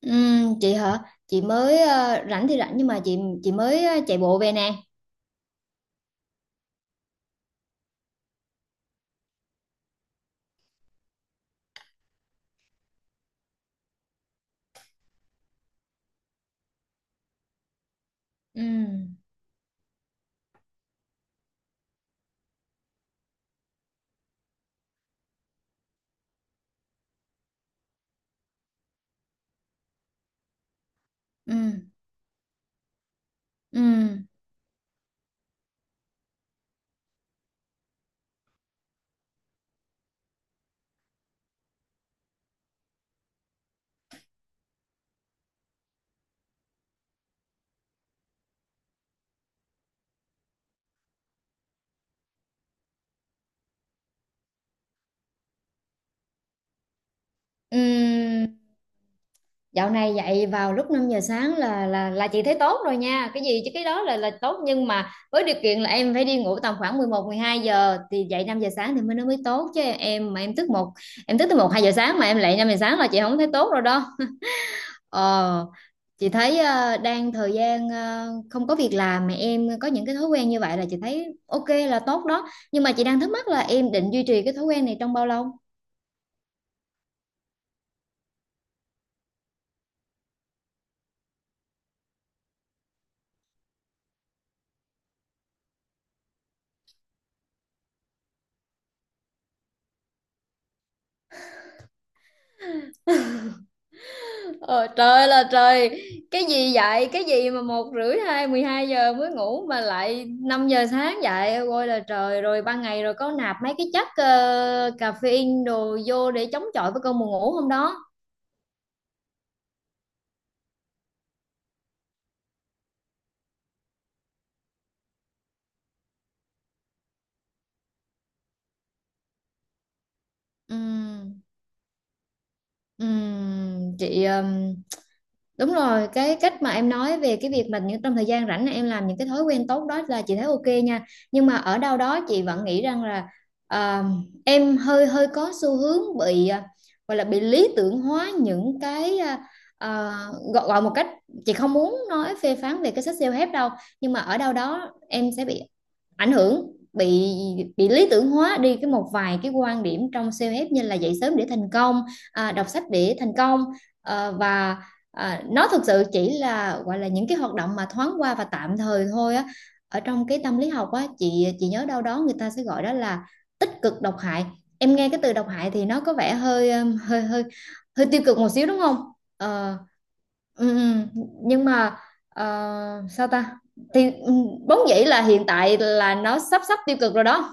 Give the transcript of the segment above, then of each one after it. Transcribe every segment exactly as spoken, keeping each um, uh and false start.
Ừm, chị hả? Chị mới ờ, rảnh thì rảnh nhưng mà chị chị mới ờ, chạy bộ về nè. Ừ. Ừm, ừm, ừm. Dạo này dậy vào lúc năm giờ sáng là là là chị thấy tốt rồi nha. Cái gì chứ cái đó là là tốt nhưng mà với điều kiện là em phải đi ngủ tầm khoảng mười một mười hai giờ thì dậy năm giờ sáng thì mới nó mới tốt chứ em mà em thức một em thức tới một hai giờ sáng mà em dậy năm giờ sáng là chị không thấy tốt rồi đó. Ờ, chị thấy ờ, đang thời gian ờ, không có việc làm mà em có những cái thói quen như vậy là chị thấy ok là tốt đó. Nhưng mà chị đang thắc mắc là em định duy trì cái thói quen này trong bao lâu? Ờ, Trời là trời. Cái gì vậy? Cái gì mà một rưỡi hai mười hai giờ mới ngủ? Mà lại năm giờ sáng dậy? Ôi là trời. Rồi ban ngày rồi có nạp mấy cái chất ờ, Caffeine đồ vô để chống chọi với cơn buồn ngủ hôm đó. Ừm, ừm, chị Đúng rồi, cái cách mà em nói về cái việc mà những trong thời gian rảnh này em làm những cái thói quen tốt đó là chị thấy ok nha. Nhưng mà ở đâu đó chị vẫn nghĩ rằng là à, em hơi hơi có xu hướng bị à, gọi là bị lý tưởng hóa những cái à, à, gọi, gọi một cách chị không muốn nói phê phán về cái sách self-help đâu, nhưng mà ở đâu đó em sẽ bị ảnh hưởng bị bị lý tưởng hóa đi cái một vài cái quan điểm trong self-help như là dậy sớm để thành công, à, đọc sách để thành công. à, và à, nó thực sự chỉ là gọi là những cái hoạt động mà thoáng qua và tạm thời thôi á. Ở trong cái tâm lý học á chị chị nhớ đâu đó người ta sẽ gọi đó là tích cực độc hại. Em nghe cái từ độc hại thì nó có vẻ hơi um, hơi hơi hơi tiêu cực một xíu đúng không? Ờ. Ừ, ừ. Nhưng mà ờ, sao ta, thì ừ, vốn dĩ là hiện tại là nó sắp sắp tiêu cực rồi đó.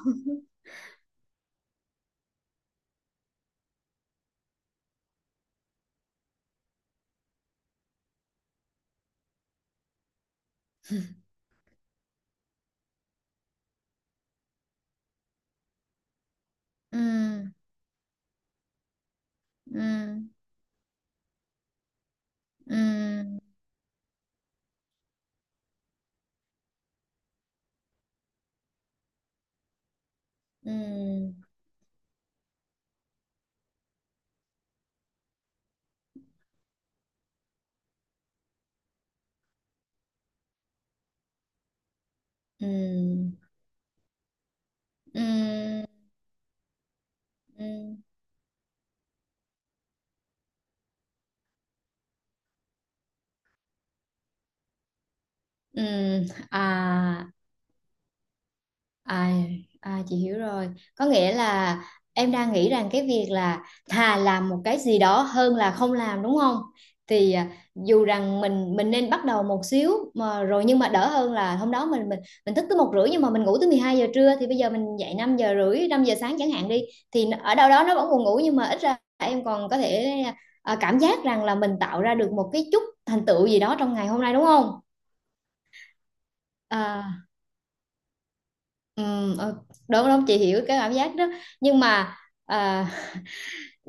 Ừ, ừ, ừ, ừ, ừ, ừ, ừ, ừ. À À, à chị hiểu rồi. Có nghĩa là em đang nghĩ rằng cái việc là thà làm một cái gì đó hơn là không làm đúng không? Thì à, dù rằng mình mình nên bắt đầu một xíu mà rồi nhưng mà đỡ hơn là hôm đó mình mình mình thức tới một rưỡi nhưng mà mình ngủ tới mười hai giờ trưa thì bây giờ mình dậy năm giờ rưỡi năm giờ sáng chẳng hạn đi thì nó- ở đâu đó nó vẫn còn ngủ nhưng mà ít ra em còn có thể à, cảm giác rằng là mình tạo ra được một cái chút thành tựu gì đó trong ngày hôm nay đúng không? À. Ừ, ờ, đúng đúng chị hiểu cái cảm giác đó. Nhưng mà à,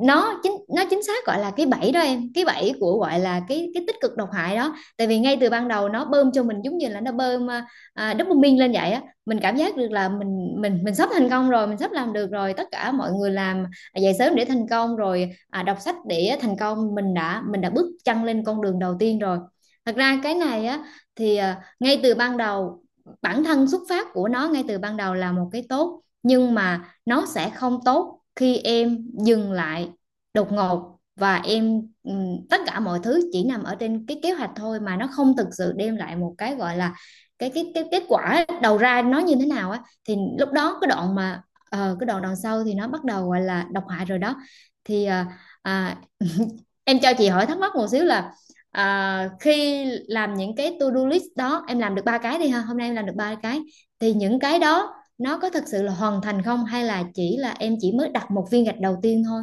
nó chính nó chính xác gọi là cái bẫy đó em, cái bẫy của gọi là cái cái tích cực độc hại đó tại vì ngay từ ban đầu nó bơm cho mình giống như là nó bơm à, à, dopamine lên vậy á. Mình cảm giác được là mình mình mình sắp thành công rồi, mình sắp làm được rồi, tất cả mọi người làm dậy sớm để thành công rồi, à, đọc sách để thành công, mình đã mình đã bước chân lên con đường đầu tiên rồi. Thật ra cái này á thì à, ngay từ ban đầu bản thân xuất phát của nó ngay từ ban đầu là một cái tốt nhưng mà nó sẽ không tốt khi em dừng lại đột ngột và em ừm, tất cả mọi thứ chỉ nằm ở trên cái kế hoạch thôi mà nó không thực sự đem lại một cái gọi là cái cái cái kết quả đầu ra nó như thế nào á. Thì lúc đó cái đoạn mà ờ, cái đoạn đằng sau thì nó bắt đầu gọi là độc hại rồi đó. Thì ờ, à, em cho chị hỏi thắc mắc một xíu là à, khi làm những cái to do list đó em làm được ba cái đi ha, hôm nay em làm được ba cái thì những cái đó nó có thực sự là hoàn thành không hay là chỉ là em chỉ mới đặt một viên gạch đầu tiên thôi?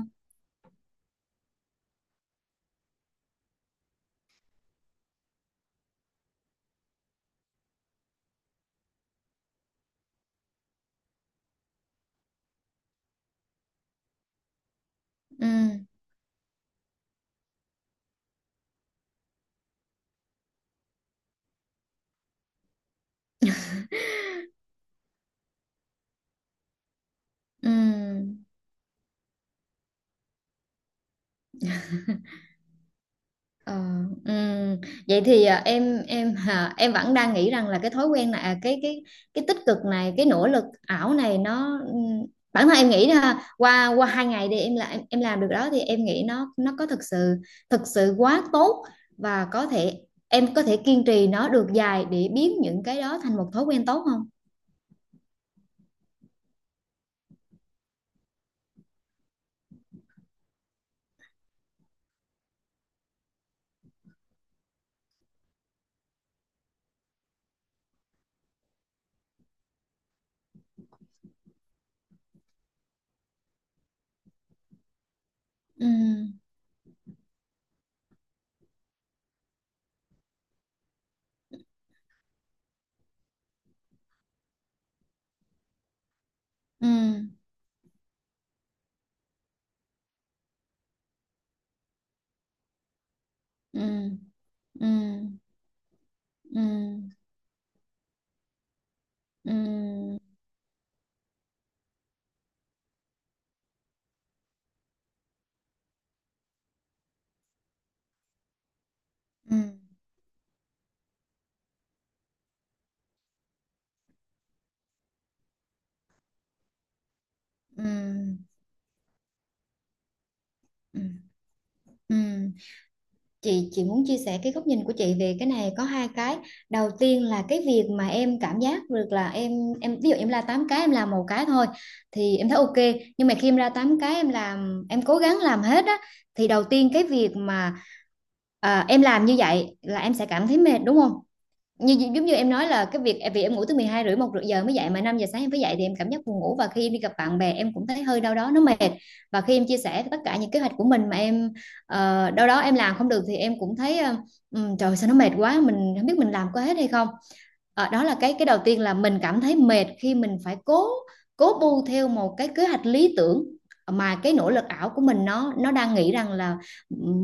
Ừ. Ừ, ờ, ừ. Vậy thì à, em em hà, em vẫn đang nghĩ rằng là cái thói quen này, à, cái cái cái tích cực này, cái nỗ lực ảo này nó, ừ, bản thân em nghĩ là qua qua hai ngày đi em là em, em làm được đó thì em nghĩ nó nó có thực sự thực sự quá tốt và có thể em có thể kiên trì nó được dài để biến những cái đó thành một thói quen tốt không? Ừ, ừ, ừ, ừ, ừ, ừ, ừ, ừ, ừ, ừ. chị chị muốn chia sẻ cái góc nhìn của chị về cái này, có hai cái. Đầu tiên là cái việc mà em cảm giác được là em em ví dụ em ra tám cái em làm một cái thôi thì em thấy ok, nhưng mà khi em ra tám cái em làm em cố gắng làm hết á thì đầu tiên cái việc mà à, em làm như vậy là em sẽ cảm thấy mệt đúng không, như giống như em nói là cái việc vì em ngủ tới mười hai rưỡi một giờ mới dậy mà năm giờ sáng em phải dậy thì em cảm giác buồn ngủ và khi em đi gặp bạn bè em cũng thấy hơi đau đó, nó mệt. Và khi em chia sẻ tất cả những kế hoạch của mình mà em ờ, đâu đó em làm không được thì em cũng thấy ờ, trời sao nó mệt quá, mình không biết mình làm có hết hay không. Ờ, đó là cái cái đầu tiên là mình cảm thấy mệt khi mình phải cố cố bu theo một cái kế hoạch lý tưởng mà cái nỗ lực ảo của mình nó nó đang nghĩ rằng là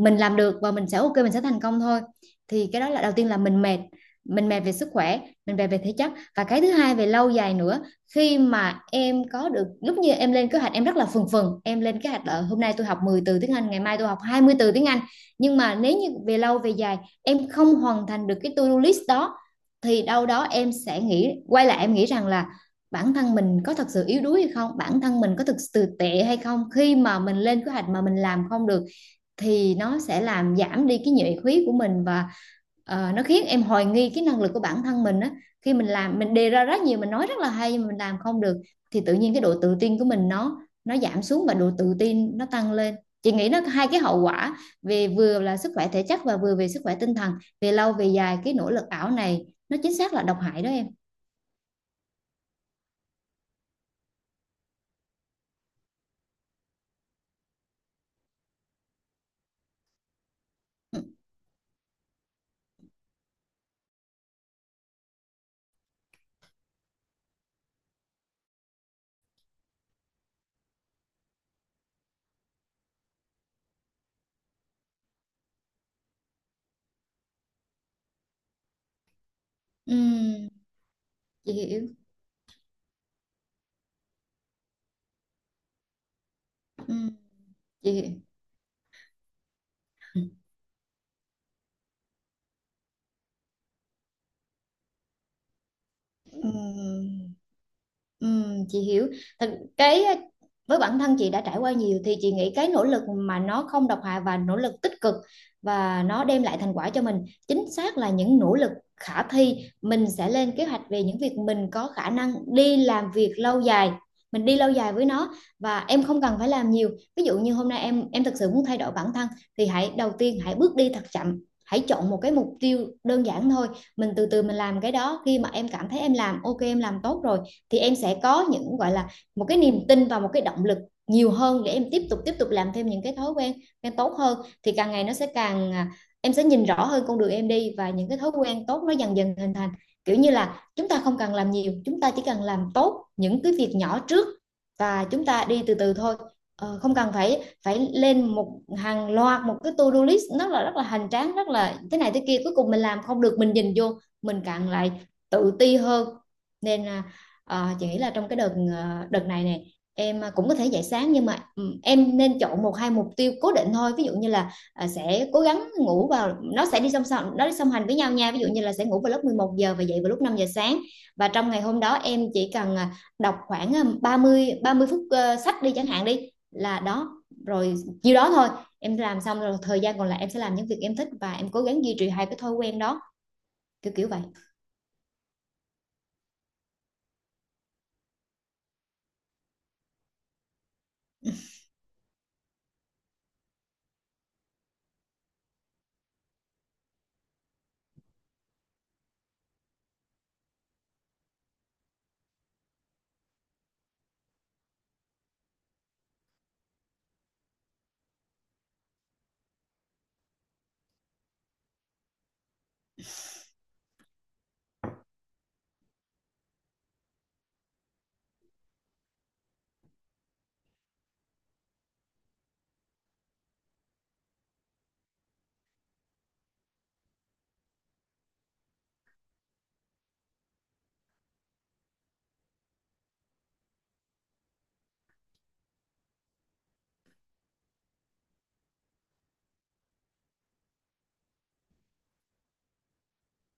mình làm được và mình sẽ ok, mình sẽ thành công thôi. Thì cái đó là đầu tiên là mình mệt, mình mệt về sức khỏe, mình mệt về thể chất. Và cái thứ hai về lâu dài nữa, khi mà em có được lúc như em lên kế hoạch em rất là phừng phừng em lên kế hoạch là hôm nay tôi học mười từ tiếng Anh, ngày mai tôi học hai mươi từ tiếng Anh nhưng mà nếu như về lâu về dài em không hoàn thành được cái to-do list đó thì đâu đó em sẽ nghĩ quay lại, em nghĩ rằng là bản thân mình có thật sự yếu đuối hay không, bản thân mình có thực sự tệ hay không khi mà mình lên kế hoạch mà mình làm không được, thì nó sẽ làm giảm đi cái nhuệ khí của mình. Và Ờ, nó khiến em hoài nghi cái năng lực của bản thân mình á khi mình làm mình đề ra rất nhiều, mình nói rất là hay nhưng mà mình làm không được thì tự nhiên cái độ tự tin của mình nó nó giảm xuống và độ tự tin nó tăng lên. Chị nghĩ nó có hai cái hậu quả về vừa là sức khỏe thể chất và vừa về sức khỏe tinh thần. Về lâu về dài cái nỗ lực ảo này nó chính xác là độc hại đó em. Ừ, ừ, chị hiểu. Ừ, chị hiểu. Ừm, ừm, chị hiểu thật, cái với bản thân chị đã trải qua nhiều thì chị nghĩ cái nỗ lực mà nó không độc hại và nỗ lực tích cực và nó đem lại thành quả cho mình chính xác là những nỗ lực khả thi. Mình sẽ lên kế hoạch về những việc mình có khả năng đi làm việc lâu dài, mình đi lâu dài với nó và em không cần phải làm nhiều. Ví dụ như hôm nay em em thực sự muốn thay đổi bản thân thì hãy đầu tiên hãy bước đi thật chậm, hãy chọn một cái mục tiêu đơn giản thôi, mình từ từ mình làm cái đó. Khi mà em cảm thấy em làm ok, em làm tốt rồi thì em sẽ có những gọi là một cái niềm tin và một cái động lực nhiều hơn để em tiếp tục tiếp tục làm thêm những cái thói quen quen tốt hơn. Thì càng ngày nó sẽ càng à, em sẽ nhìn rõ hơn con đường em đi và những cái thói quen tốt nó dần dần hình thành. Kiểu như là chúng ta không cần làm nhiều, chúng ta chỉ cần làm tốt những cái việc nhỏ trước và chúng ta đi từ từ thôi. Ờ, không cần phải phải lên một hàng loạt một cái to-do list rất là rất là hành tráng, rất là thế này thế kia cuối cùng mình làm không được mình nhìn vô mình càng lại tự ti hơn. Nên là ờ, chị nghĩ là trong cái đợt ờ, đợt này nè, em à, cũng có thể dậy sáng nhưng mà ừ, em nên chọn một hai mục tiêu cố định thôi. Ví dụ như là ờ, sẽ cố gắng ngủ vào, nó sẽ đi song song nó đi song hành với nhau nha, ví dụ như là sẽ ngủ vào lúc mười một giờ và dậy vào lúc năm giờ sáng. Và trong ngày hôm đó em chỉ cần ờ, đọc khoảng à, ba mươi ba mươi phút ờ, sách đi chẳng hạn đi, là đó rồi, nhiêu đó thôi. Em làm xong rồi thời gian còn lại em sẽ làm những việc em thích và em cố gắng duy trì hai cái thói quen đó, kiểu kiểu vậy.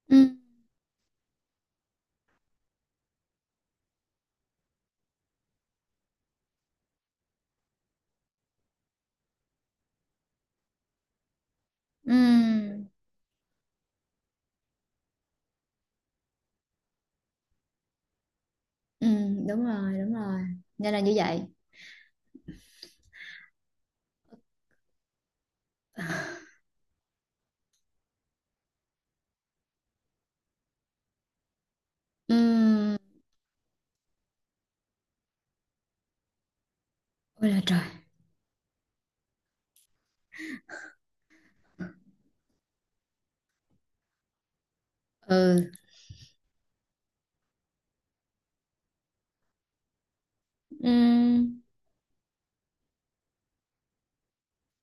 Ừ. Ừ. Ừ. Đúng rồi, đúng rồi, nên là như vậy. Ừ. Ôi là trời. Ừ. Ừ.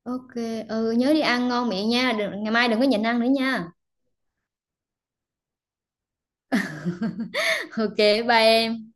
Ok. Ừ, nhớ đi ăn ngon miệng nha, đừng, ngày mai đừng có nhịn ăn nữa nha. ok, bye em.